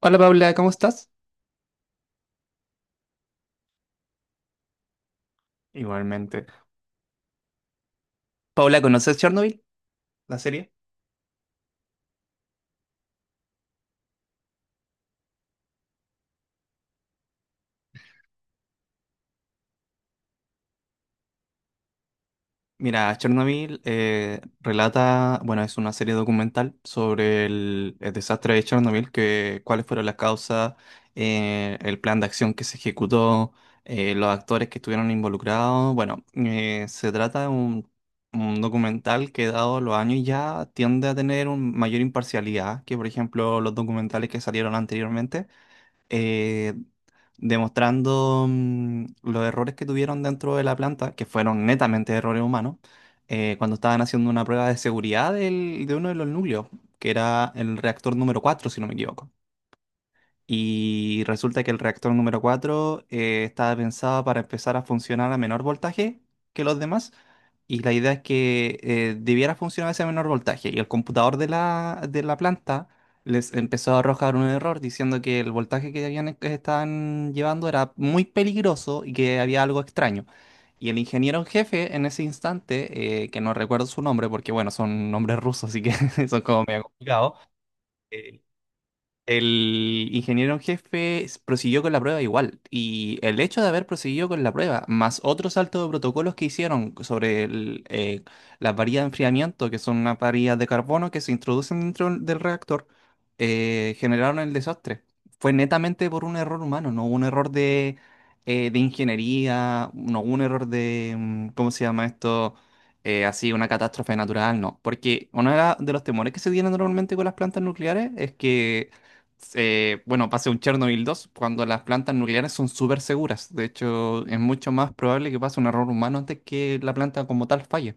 Hola Paula, ¿cómo estás? Igualmente. Paula, ¿conoces Chernobyl, la serie? Mira, Chernobyl relata, bueno, es una serie documental sobre el desastre de Chernobyl, que, cuáles fueron las causas, el plan de acción que se ejecutó, los actores que estuvieron involucrados. Bueno, se trata de un documental que, dado los años, ya tiende a tener una mayor imparcialidad que, por ejemplo, los documentales que salieron anteriormente. eh, Demostrando los errores que tuvieron dentro de la planta, que fueron netamente errores humanos, cuando estaban haciendo una prueba de seguridad de uno de los núcleos, que era el reactor número 4 si no me equivoco. Y resulta que el reactor número 4 estaba pensado para empezar a funcionar a menor voltaje que los demás. Y la idea es que debiera funcionar ese menor voltaje. Y el computador de la planta les empezó a arrojar un error diciendo que el voltaje que que estaban llevando era muy peligroso y que había algo extraño. Y el ingeniero en jefe en ese instante, que no recuerdo su nombre porque bueno, son nombres rusos, así que son como medio complicados eh, el ingeniero en jefe prosiguió con la prueba igual, y el hecho de haber proseguido con la prueba, más otros saltos de protocolos que hicieron sobre el, las varillas de enfriamiento, que son unas varillas de carbono que se introducen dentro del reactor, generaron el desastre. Fue netamente por un error humano, no hubo un error de ingeniería, no hubo un error de, ¿cómo se llama esto? Así una catástrofe natural, no. Porque uno de de los temores que se tienen normalmente con las plantas nucleares es que bueno, pase un Chernobyl dos cuando las plantas nucleares son súper seguras. De hecho, es mucho más probable que pase un error humano antes que la planta como tal falle.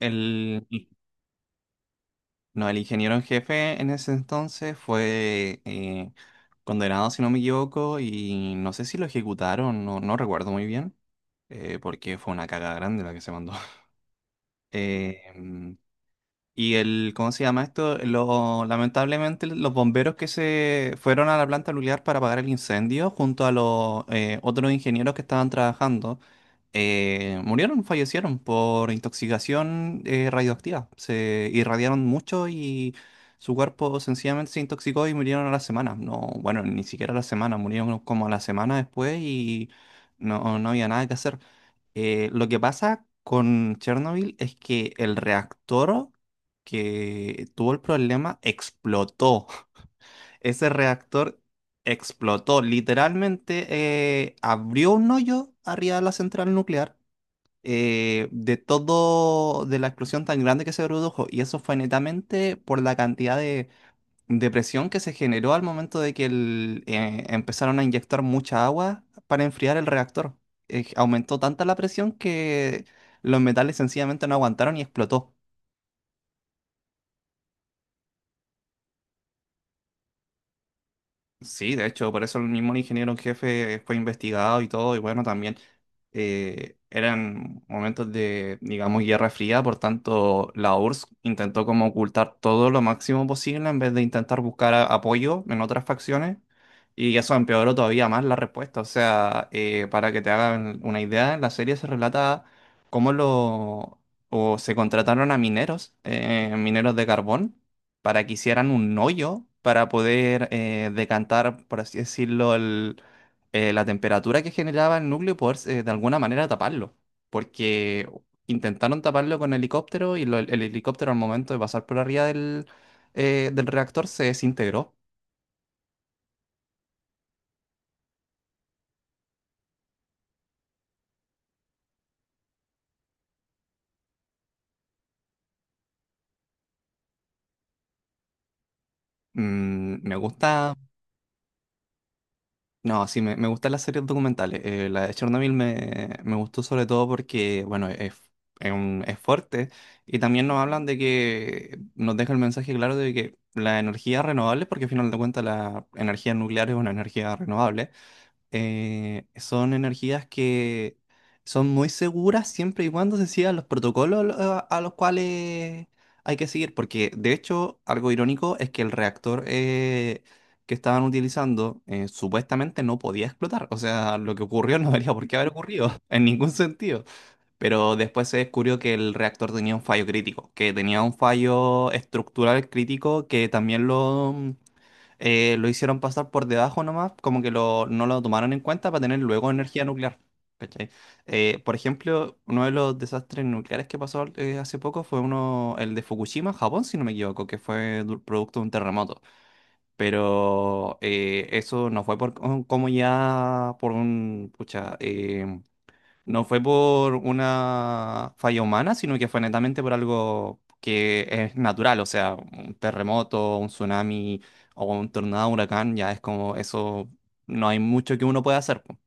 El, no, el ingeniero en jefe en ese entonces fue condenado, si no me equivoco, y no sé si lo ejecutaron, no, no recuerdo muy bien, porque fue una caga grande la que se mandó. Eh, y el, ¿cómo se llama esto? Lamentablemente los bomberos que se fueron a la planta nuclear para apagar el incendio junto a los otros ingenieros que estaban trabajando, murieron, fallecieron por intoxicación radioactiva. Se irradiaron mucho y su cuerpo sencillamente se intoxicó y murieron a la semana. No, bueno, ni siquiera a la semana, murieron como a la semana después y no, no había nada que hacer. Lo que pasa con Chernobyl es que el reactor que tuvo el problema explotó. Ese reactor explotó. Literalmente abrió un hoyo arriba de la central nuclear de todo, de la explosión tan grande que se produjo. Y eso fue netamente por la cantidad de depresión que se generó al momento de que empezaron a inyectar mucha agua para enfriar el reactor. Aumentó tanta la presión que los metales sencillamente no aguantaron y explotó. Sí, de hecho, por eso el mismo ingeniero en jefe fue investigado y todo, y bueno, también eran momentos de, digamos, guerra fría, por tanto, la URSS intentó como ocultar todo lo máximo posible en vez de intentar buscar apoyo en otras facciones, y eso empeoró todavía más la respuesta. O sea, para que te hagan una idea, en la serie se relata cómo lo, o se contrataron a mineros, mineros de carbón para que hicieran un hoyo para poder decantar, por así decirlo, la temperatura que generaba el núcleo y poder de alguna manera taparlo. Porque intentaron taparlo con helicóptero y el helicóptero al momento de pasar por arriba del, del reactor se desintegró. Mm, me gusta. No, sí, me gustan las series documentales. La de Chernobyl me, me gustó sobre todo porque, bueno, es, es fuerte y también nos hablan de que nos deja el mensaje claro de que la energía renovable, porque al final de cuentas la energía nuclear es una energía renovable, son energías que son muy seguras siempre y cuando se sigan los protocolos a los cuales hay que seguir, porque de hecho algo irónico es que el reactor que estaban utilizando supuestamente no podía explotar, o sea, lo que ocurrió no debería por qué haber ocurrido en ningún sentido, pero después se descubrió que el reactor tenía un fallo crítico, que tenía un fallo estructural crítico que también lo hicieron pasar por debajo nomás, como que lo, no lo tomaron en cuenta para tener luego energía nuclear. ¿Cachai? Por ejemplo, uno de los desastres nucleares que pasó hace poco fue uno, el de Fukushima, Japón, si no me equivoco, que fue producto de un terremoto. Pero eso no fue por, como ya por un, pucha, no fue por una falla humana, sino que fue netamente por algo que es natural, o sea, un terremoto, un tsunami o un tornado, un huracán, ya es como eso, no hay mucho que uno pueda hacer. Po.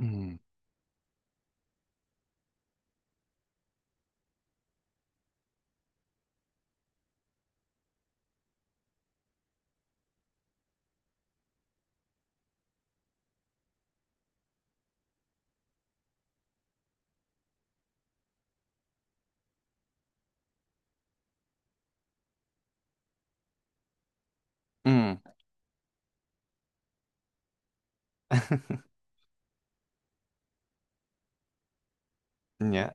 Mm. Mm. Ya.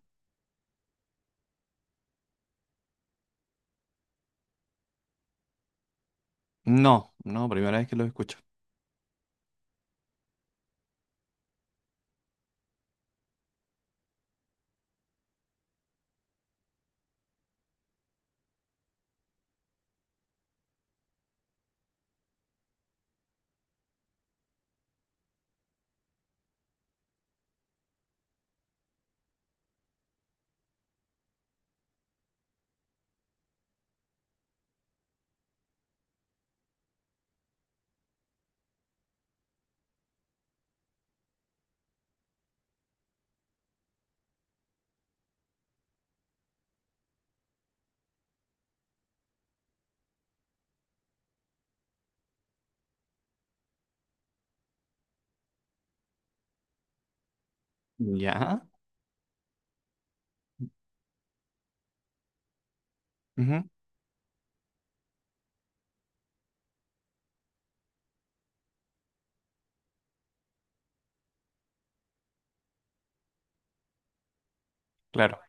No, no, primera vez que lo escucho. Ya. Ujú. Claro.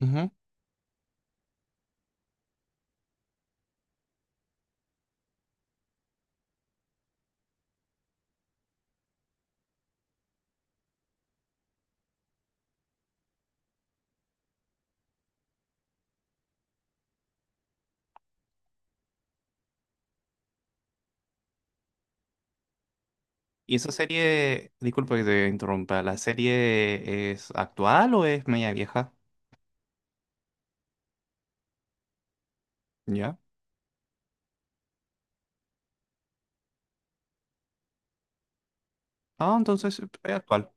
Ujú. ¿Y esa serie, disculpa que te interrumpa, la serie es actual o es media vieja? Ya. Ah, entonces es actual.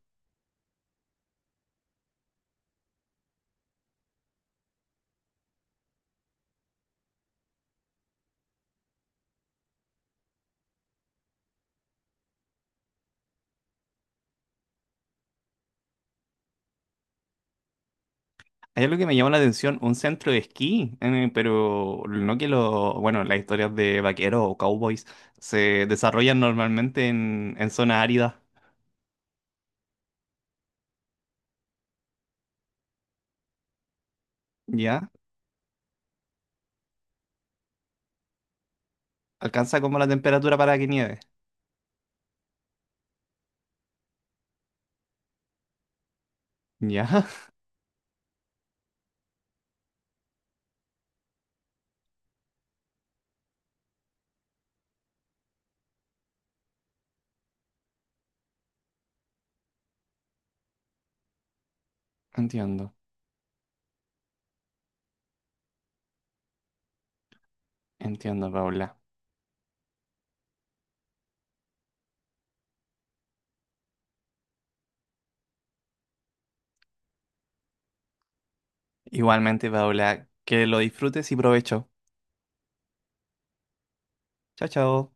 Hay algo que me llama la atención, un centro de esquí, pero no que lo, bueno, las historias de vaqueros o cowboys se desarrollan normalmente en zonas áridas, ¿ya? Alcanza como la temperatura para que nieve, ¿ya? Entiendo, entiendo, Paula. Igualmente, Paula, que lo disfrutes y provecho. Chao, chao.